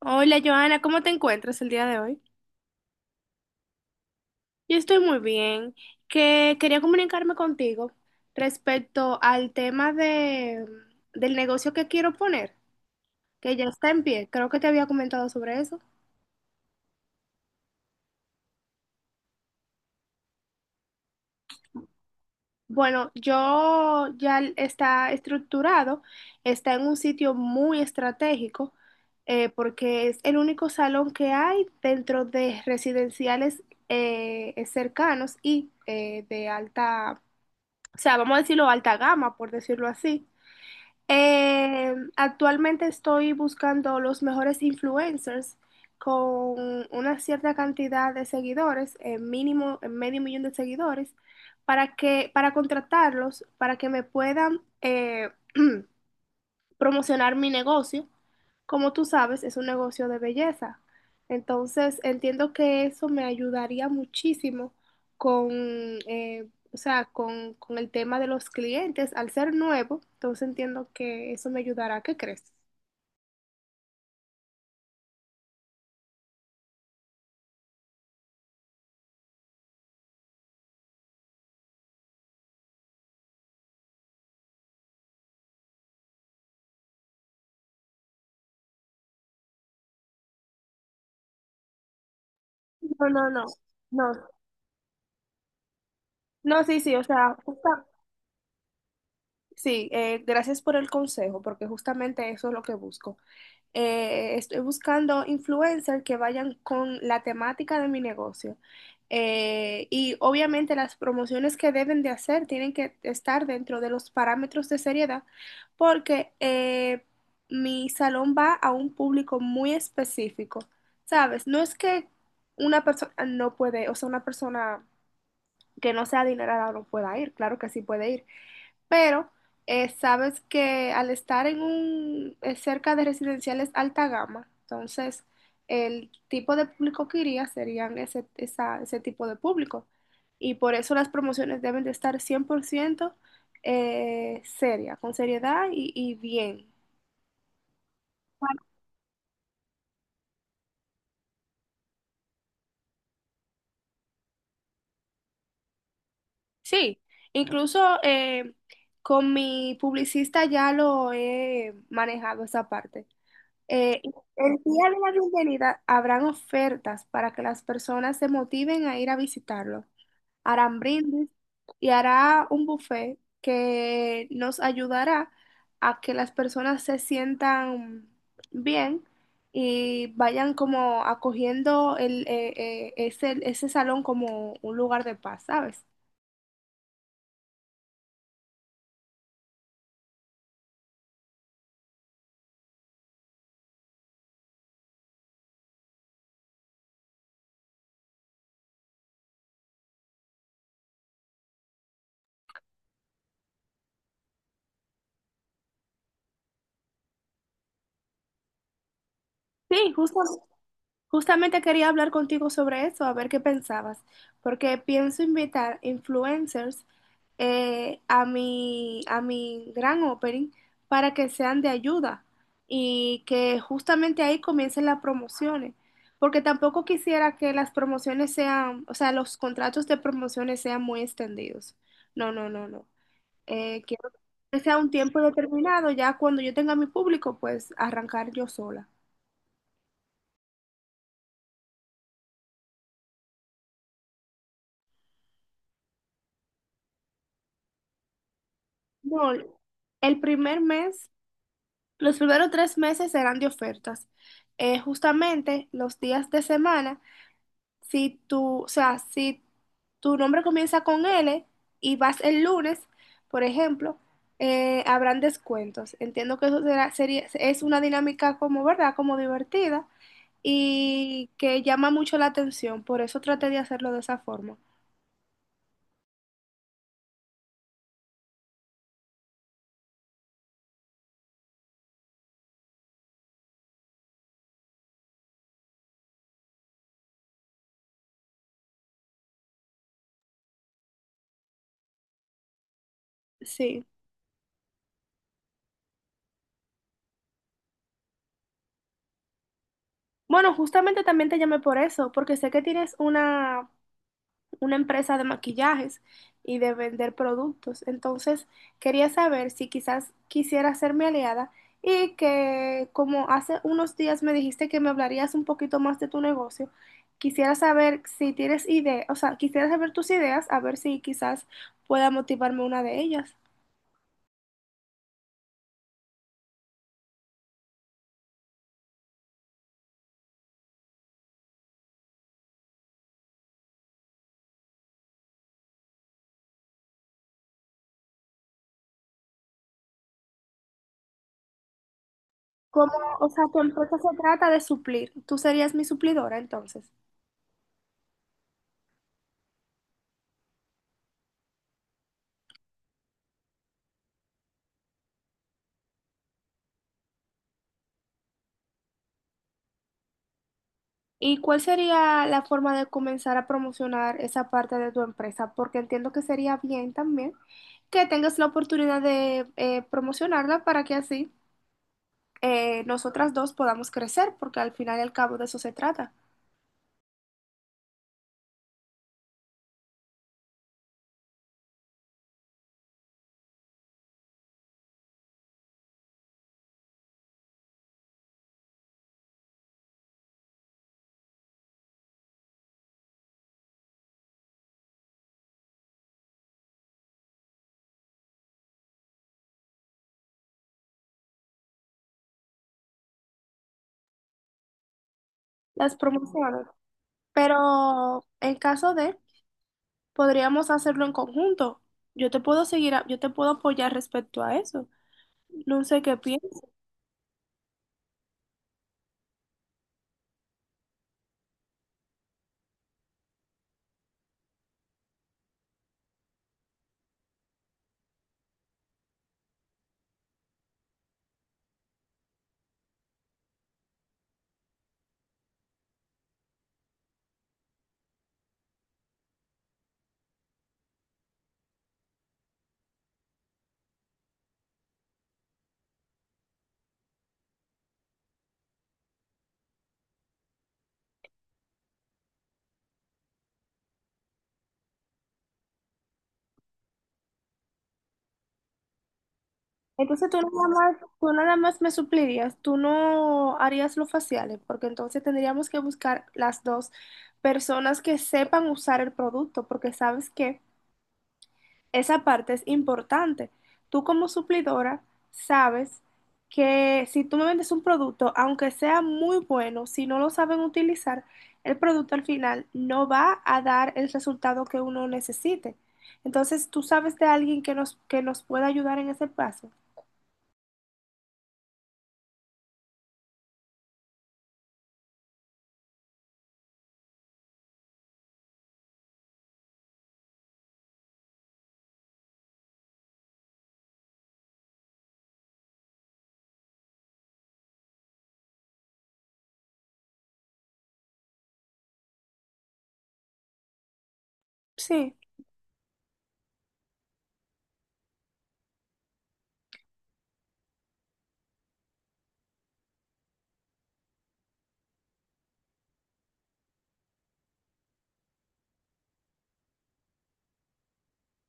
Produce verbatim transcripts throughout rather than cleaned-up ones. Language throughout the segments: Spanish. Hola Joana, ¿cómo te encuentras el día de hoy? Yo estoy muy bien, que quería comunicarme contigo respecto al tema de, del negocio que quiero poner, que ya está en pie, creo que te había comentado sobre eso. Bueno, yo ya está estructurado, está en un sitio muy estratégico, eh, porque es el único salón que hay dentro de residenciales eh, cercanos y eh, de alta, o sea, vamos a decirlo alta gama, por decirlo así. Eh, actualmente estoy buscando los mejores influencers con una cierta cantidad de seguidores, eh, mínimo eh, medio millón de seguidores, para que, para contratarlos, para que me puedan eh, promocionar mi negocio, como tú sabes, es un negocio de belleza. Entonces, entiendo que eso me ayudaría muchísimo con, eh, o sea, con, con el tema de los clientes. Al ser nuevo, entonces entiendo que eso me ayudará. ¿Qué crees? No, no, no, no, no, sí, sí, o sea, justa- sí, eh, gracias por el consejo, porque justamente eso es lo que busco. Eh, estoy buscando influencers que vayan con la temática de mi negocio. Eh, y obviamente las promociones que deben de hacer tienen que estar dentro de los parámetros de seriedad, porque eh, mi salón va a un público muy específico, ¿sabes? No es que una persona no puede, o sea, una persona que no sea adinerada no pueda ir, claro que sí puede ir, pero eh, sabes que al estar en un eh, cerca de residenciales alta gama, entonces el tipo de público que iría serían ese, esa- ese tipo de público. Y por eso las promociones deben de estar cien por ciento eh, seria, con seriedad y, y bien. Sí, incluso eh, con mi publicista ya lo he manejado esa parte. Eh, el día de la bienvenida habrán ofertas para que las personas se motiven a ir a visitarlo. Harán brindis y hará un buffet que nos ayudará a que las personas se sientan bien y vayan como acogiendo el, eh, eh, ese, ese salón como un lugar de paz, ¿sabes? Sí, justo. Justamente quería hablar contigo sobre eso, a ver qué pensabas, porque pienso invitar influencers eh, a mi, a mi gran opening, para que sean de ayuda y que justamente ahí comiencen las promociones, porque tampoco quisiera que las promociones sean, o sea, los contratos de promociones sean muy extendidos. No, no, no, no. Eh, quiero que sea un tiempo determinado, ya cuando yo tenga mi público, pues arrancar yo sola. No, el primer mes, los primeros tres meses serán de ofertas. Eh, justamente los días de semana, si tú, o sea, si tu nombre comienza con L y vas el lunes, por ejemplo, eh, habrán descuentos. Entiendo que eso será, sería, es una dinámica como, ¿verdad? Como divertida y que llama mucho la atención. Por eso traté de hacerlo de esa forma. Sí. Bueno, justamente también te llamé por eso, porque sé que tienes una una empresa de maquillajes y de vender productos. Entonces, quería saber si quizás quisiera ser mi aliada y que como hace unos días me dijiste que me hablarías un poquito más de tu negocio, quisiera saber si tienes idea, o sea, quisiera saber tus ideas, a ver si quizás pueda motivarme una de ellas. Como, o sea, tu empresa se trata de suplir. Tú serías mi suplidora entonces. ¿Y cuál sería la forma de comenzar a promocionar esa parte de tu empresa? Porque entiendo que sería bien también que tengas la oportunidad de eh, promocionarla, para que así eh, nosotras dos podamos crecer, porque al final y al cabo de eso se trata, las promociones. Pero en caso de, podríamos hacerlo en conjunto. Yo te puedo seguir, a- yo te puedo apoyar respecto a eso. No sé qué piensas. Entonces tú nada más, tú nada más me suplirías, tú no harías los faciales, porque entonces tendríamos que buscar las dos personas que sepan usar el producto, porque sabes que esa parte es importante. Tú como suplidora sabes que si tú me vendes un producto, aunque sea muy bueno, si no lo saben utilizar, el producto al final no va a dar el resultado que uno necesite. Entonces tú sabes de alguien que nos, que nos pueda ayudar en ese paso. Sí.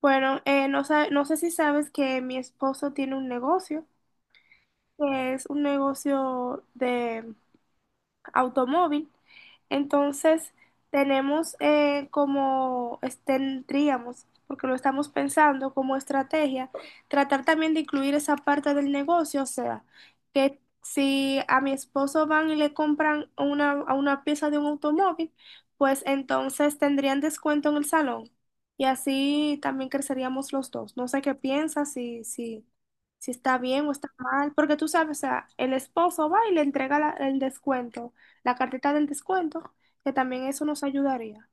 Bueno, eh, no sa- no sé si sabes que mi esposo tiene un negocio, que es un negocio de automóvil. Entonces, tenemos eh, como es- tendríamos, porque lo estamos pensando como estrategia, tratar también de incluir esa parte del negocio, o sea, que si a mi esposo van y le compran una, a una pieza de un automóvil, pues entonces tendrían descuento en el salón y así también creceríamos los dos. No sé qué piensas, si, si, si está bien o está mal, porque tú sabes, o sea, el esposo va y le entrega la- el descuento, la cartita del descuento, que también eso nos ayudaría.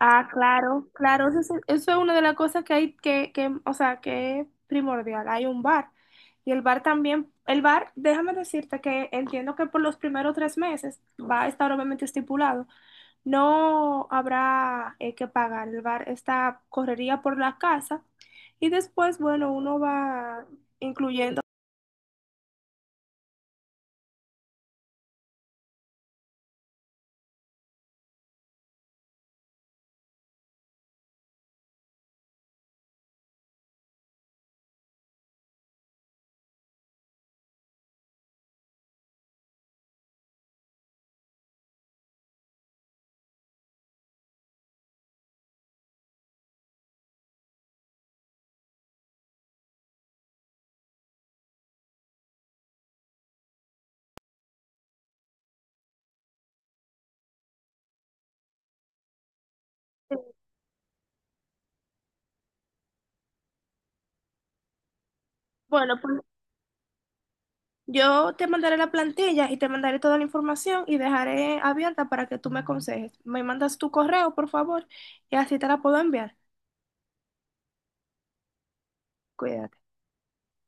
Ah, claro, claro, eso es, eso es una de las cosas que hay que, que, o sea, que es primordial. Hay un bar. Y el bar también, el bar, déjame decirte que entiendo que por los primeros tres meses va a estar obviamente estipulado. No habrá eh, que pagar. El bar está, correría por la casa. Y después, bueno, uno va incluyendo. Bueno, pues yo te mandaré la plantilla y te mandaré toda la información y dejaré abierta para que tú me aconsejes. Me mandas tu correo, por favor, y así te la puedo enviar. Cuídate.